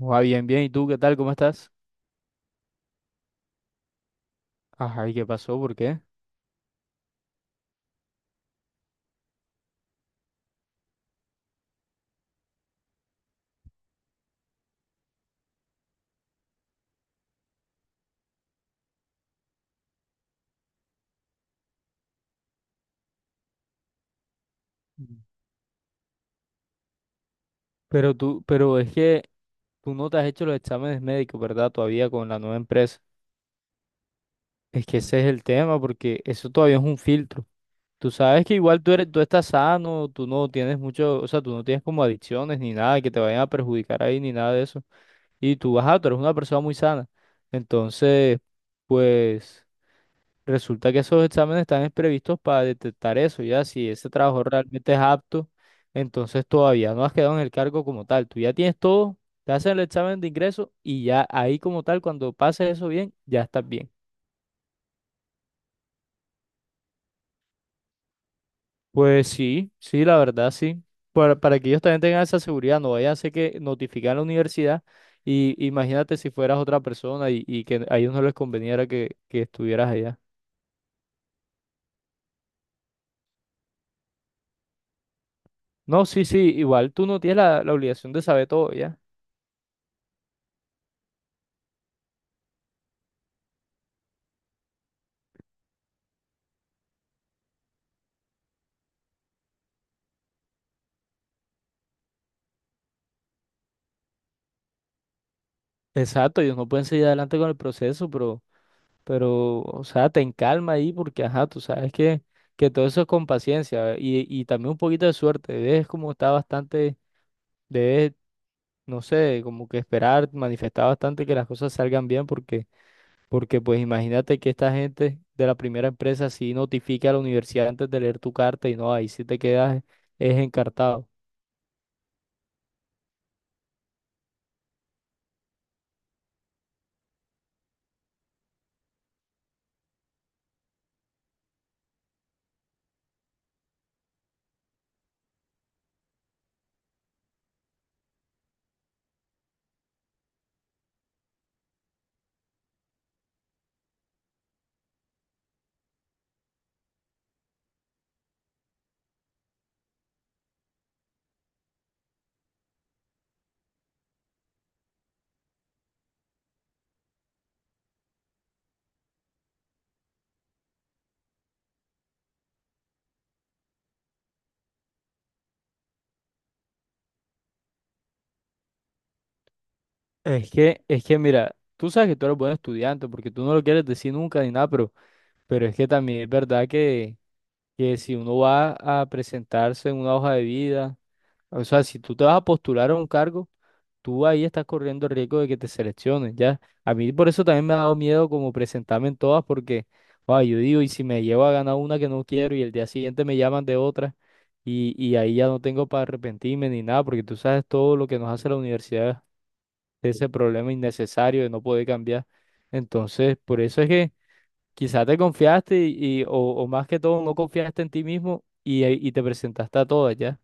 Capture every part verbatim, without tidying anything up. Va bien, bien. ¿Y tú qué tal? ¿Cómo estás? Ajá, ¿y qué pasó? ¿Por qué? Mm. Pero tú, pero es que tú no te has hecho los exámenes médicos, ¿verdad? Todavía con la nueva empresa. Es que ese es el tema, porque eso todavía es un filtro. Tú sabes que igual tú eres, tú estás sano, tú no tienes mucho, o sea, tú no tienes como adicciones ni nada que te vayan a perjudicar ahí ni nada de eso. Y tú, vas tú eres una persona muy sana. Entonces, pues. Resulta que esos exámenes están previstos para detectar eso, ya si ese trabajo realmente es apto, entonces todavía no has quedado en el cargo como tal. Tú ya tienes todo, te hacen el examen de ingreso y ya ahí como tal, cuando pases eso bien, ya estás bien. Pues sí, sí, la verdad sí. Para, para que ellos también tengan esa seguridad, no vaya a ser que notifican a la universidad y imagínate si fueras otra persona y, y que a ellos no les conveniera que, que estuvieras allá. No, sí, sí, igual tú no tienes la, la obligación de saber todo, ¿ya? Exacto, ellos no pueden seguir adelante con el proceso, pero, pero, o sea, ten calma ahí porque, ajá, tú sabes que, que todo eso es con paciencia y, y también un poquito de suerte. Debes como estar bastante, debes, no sé, como que esperar, manifestar bastante que las cosas salgan bien porque, porque pues imagínate que esta gente de la primera empresa sí notifica a la universidad antes de leer tu carta y no, ahí sí te quedas, eh, es encartado. Es que, es que mira, tú sabes que tú eres buen estudiante porque tú no lo quieres decir nunca ni nada, pero... Pero es que también es verdad que, que si uno va a presentarse en una hoja de vida, o sea, si tú te vas a postular a un cargo, tú ahí estás corriendo el riesgo de que te seleccionen, ¿ya? A mí por eso también me ha dado miedo como presentarme en todas, porque, wow, yo digo, y si me llevo a ganar una que no quiero y el día siguiente me llaman de otra, y, y ahí ya no tengo para arrepentirme ni nada, porque tú sabes todo lo que nos hace la universidad, ese problema innecesario de no poder cambiar. Entonces, por eso es que... Quizá te confiaste y, y- o, o más que todo no confiaste en ti mismo y, eh, y te presentaste a todas ya.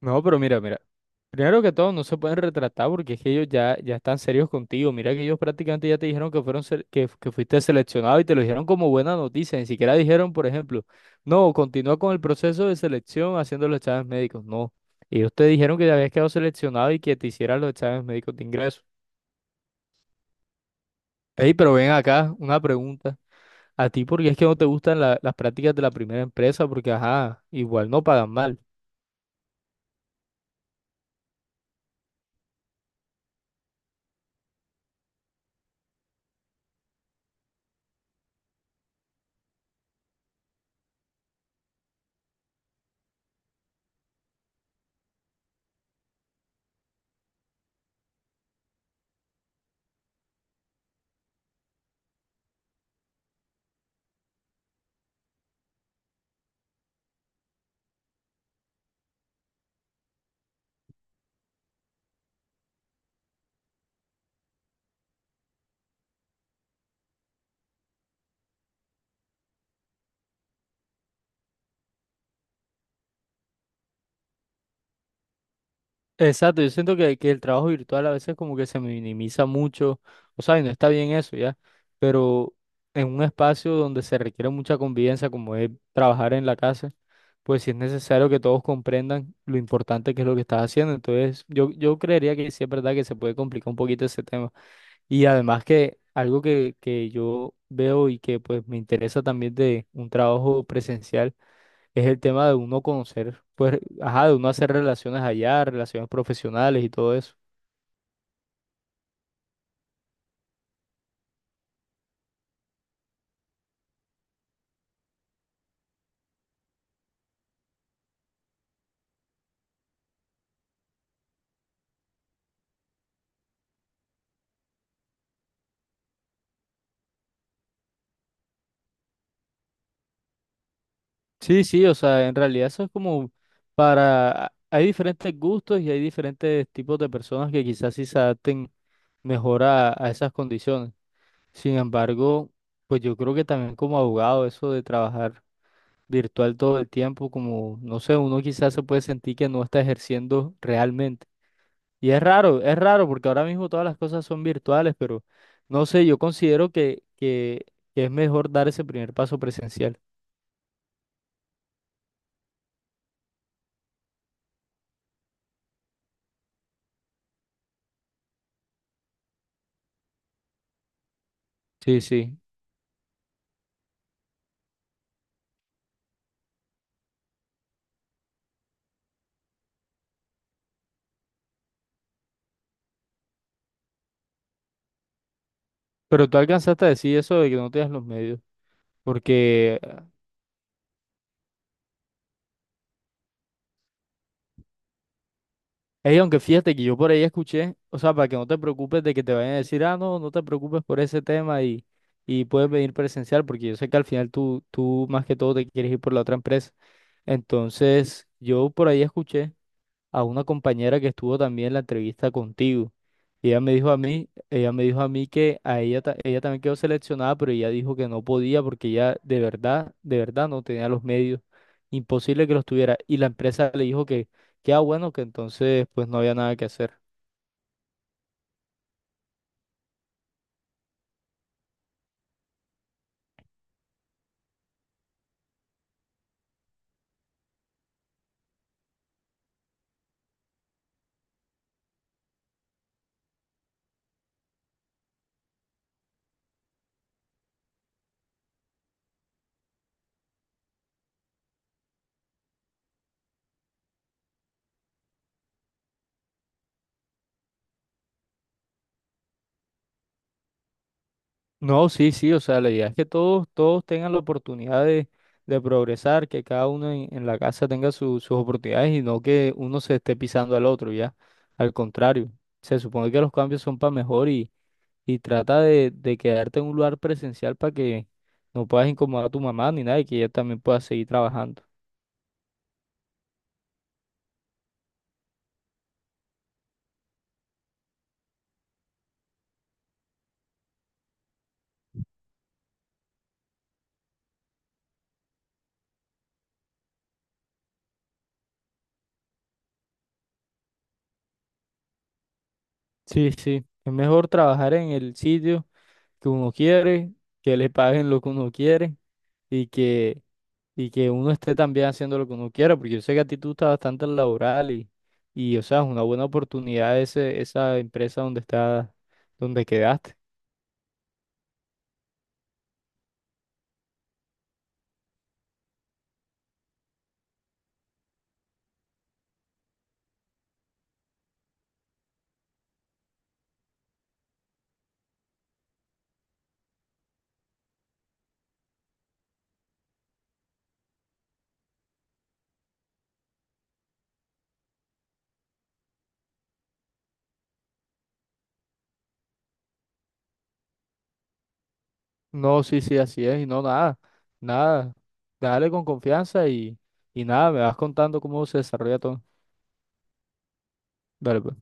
No, pero mira, mira. Primero que todo, no se pueden retratar porque es que ellos ya, ya están serios contigo. Mira que ellos prácticamente ya te dijeron que fueron sele- que, que fuiste seleccionado y te lo dijeron como buena noticia. Ni siquiera dijeron, por ejemplo, no, continúa con el proceso de selección haciendo los exámenes médicos. No. Ellos te dijeron que ya habías quedado seleccionado y que te hicieran los exámenes médicos de ingreso. Ey, pero ven acá, una pregunta. A ti porque es que no te gustan la- las prácticas de la primera empresa, porque ajá, igual no pagan mal. Exacto, yo siento que, que el trabajo virtual a veces como que se minimiza mucho, o sea, y no está bien eso ya, pero en un espacio donde se requiere mucha convivencia, como es trabajar en la casa, pues sí es necesario que todos comprendan lo importante que es lo que estás haciendo. Entonces, yo, yo creería que sí es verdad que se puede complicar un poquito ese tema. Y además que algo que, que yo veo y que pues me interesa también de un trabajo presencial es el tema de uno conocer, pues, ajá, de uno hacer relaciones allá, relaciones profesionales y todo eso. Sí, sí, o sea, en realidad eso es como para, hay diferentes gustos y hay diferentes tipos de personas que quizás sí se adapten mejor a, a esas condiciones. Sin embargo, pues yo creo que también como abogado eso de trabajar virtual todo el tiempo, como, no sé, uno quizás se puede sentir que no está ejerciendo realmente. Y es raro, es raro porque ahora mismo todas las cosas son virtuales, pero no sé, yo considero que, que, que es mejor dar ese primer paso presencial. Sí, sí. Pero tú alcanzaste a decir eso de que no tienes los medios. Porque, ey, aunque fíjate que yo por ahí escuché, o sea, para que no te preocupes de que te vayan a decir, ah, no, no te preocupes por ese tema y, y puedes venir presencial, porque yo sé que al final tú, tú más que todo te quieres ir por la otra empresa. Entonces, yo por ahí escuché a una compañera que estuvo también en la entrevista contigo. Y ella me dijo a mí, ella me dijo a mí que a ella, ta- ella también quedó seleccionada, pero ella dijo que no podía porque ella de verdad, de verdad no tenía los medios. Imposible que los tuviera. Y la empresa le dijo que, que ah, bueno, que entonces pues no había nada que hacer. No, sí, sí, o sea, la idea es que todos, todos tengan la oportunidad de, de progresar, que cada uno en, en la casa tenga su- sus oportunidades y no que uno se esté pisando al otro, ya. Al contrario, se supone que los cambios son para mejor y, y trata de, de quedarte en un lugar presencial para que no puedas incomodar a tu mamá ni nada y que ella también pueda seguir trabajando. Sí, sí, es mejor trabajar en el sitio que uno quiere, que le paguen lo que uno quiere y que y que uno esté también haciendo lo que uno quiera, porque yo sé que a ti tú estás bastante laboral y, y o sea, es una buena oportunidad ese, esa empresa donde está, donde quedaste. No, sí, sí, así es, y no, nada, nada. Dale con confianza y, y nada, me vas contando cómo se desarrolla todo. Dale, pues.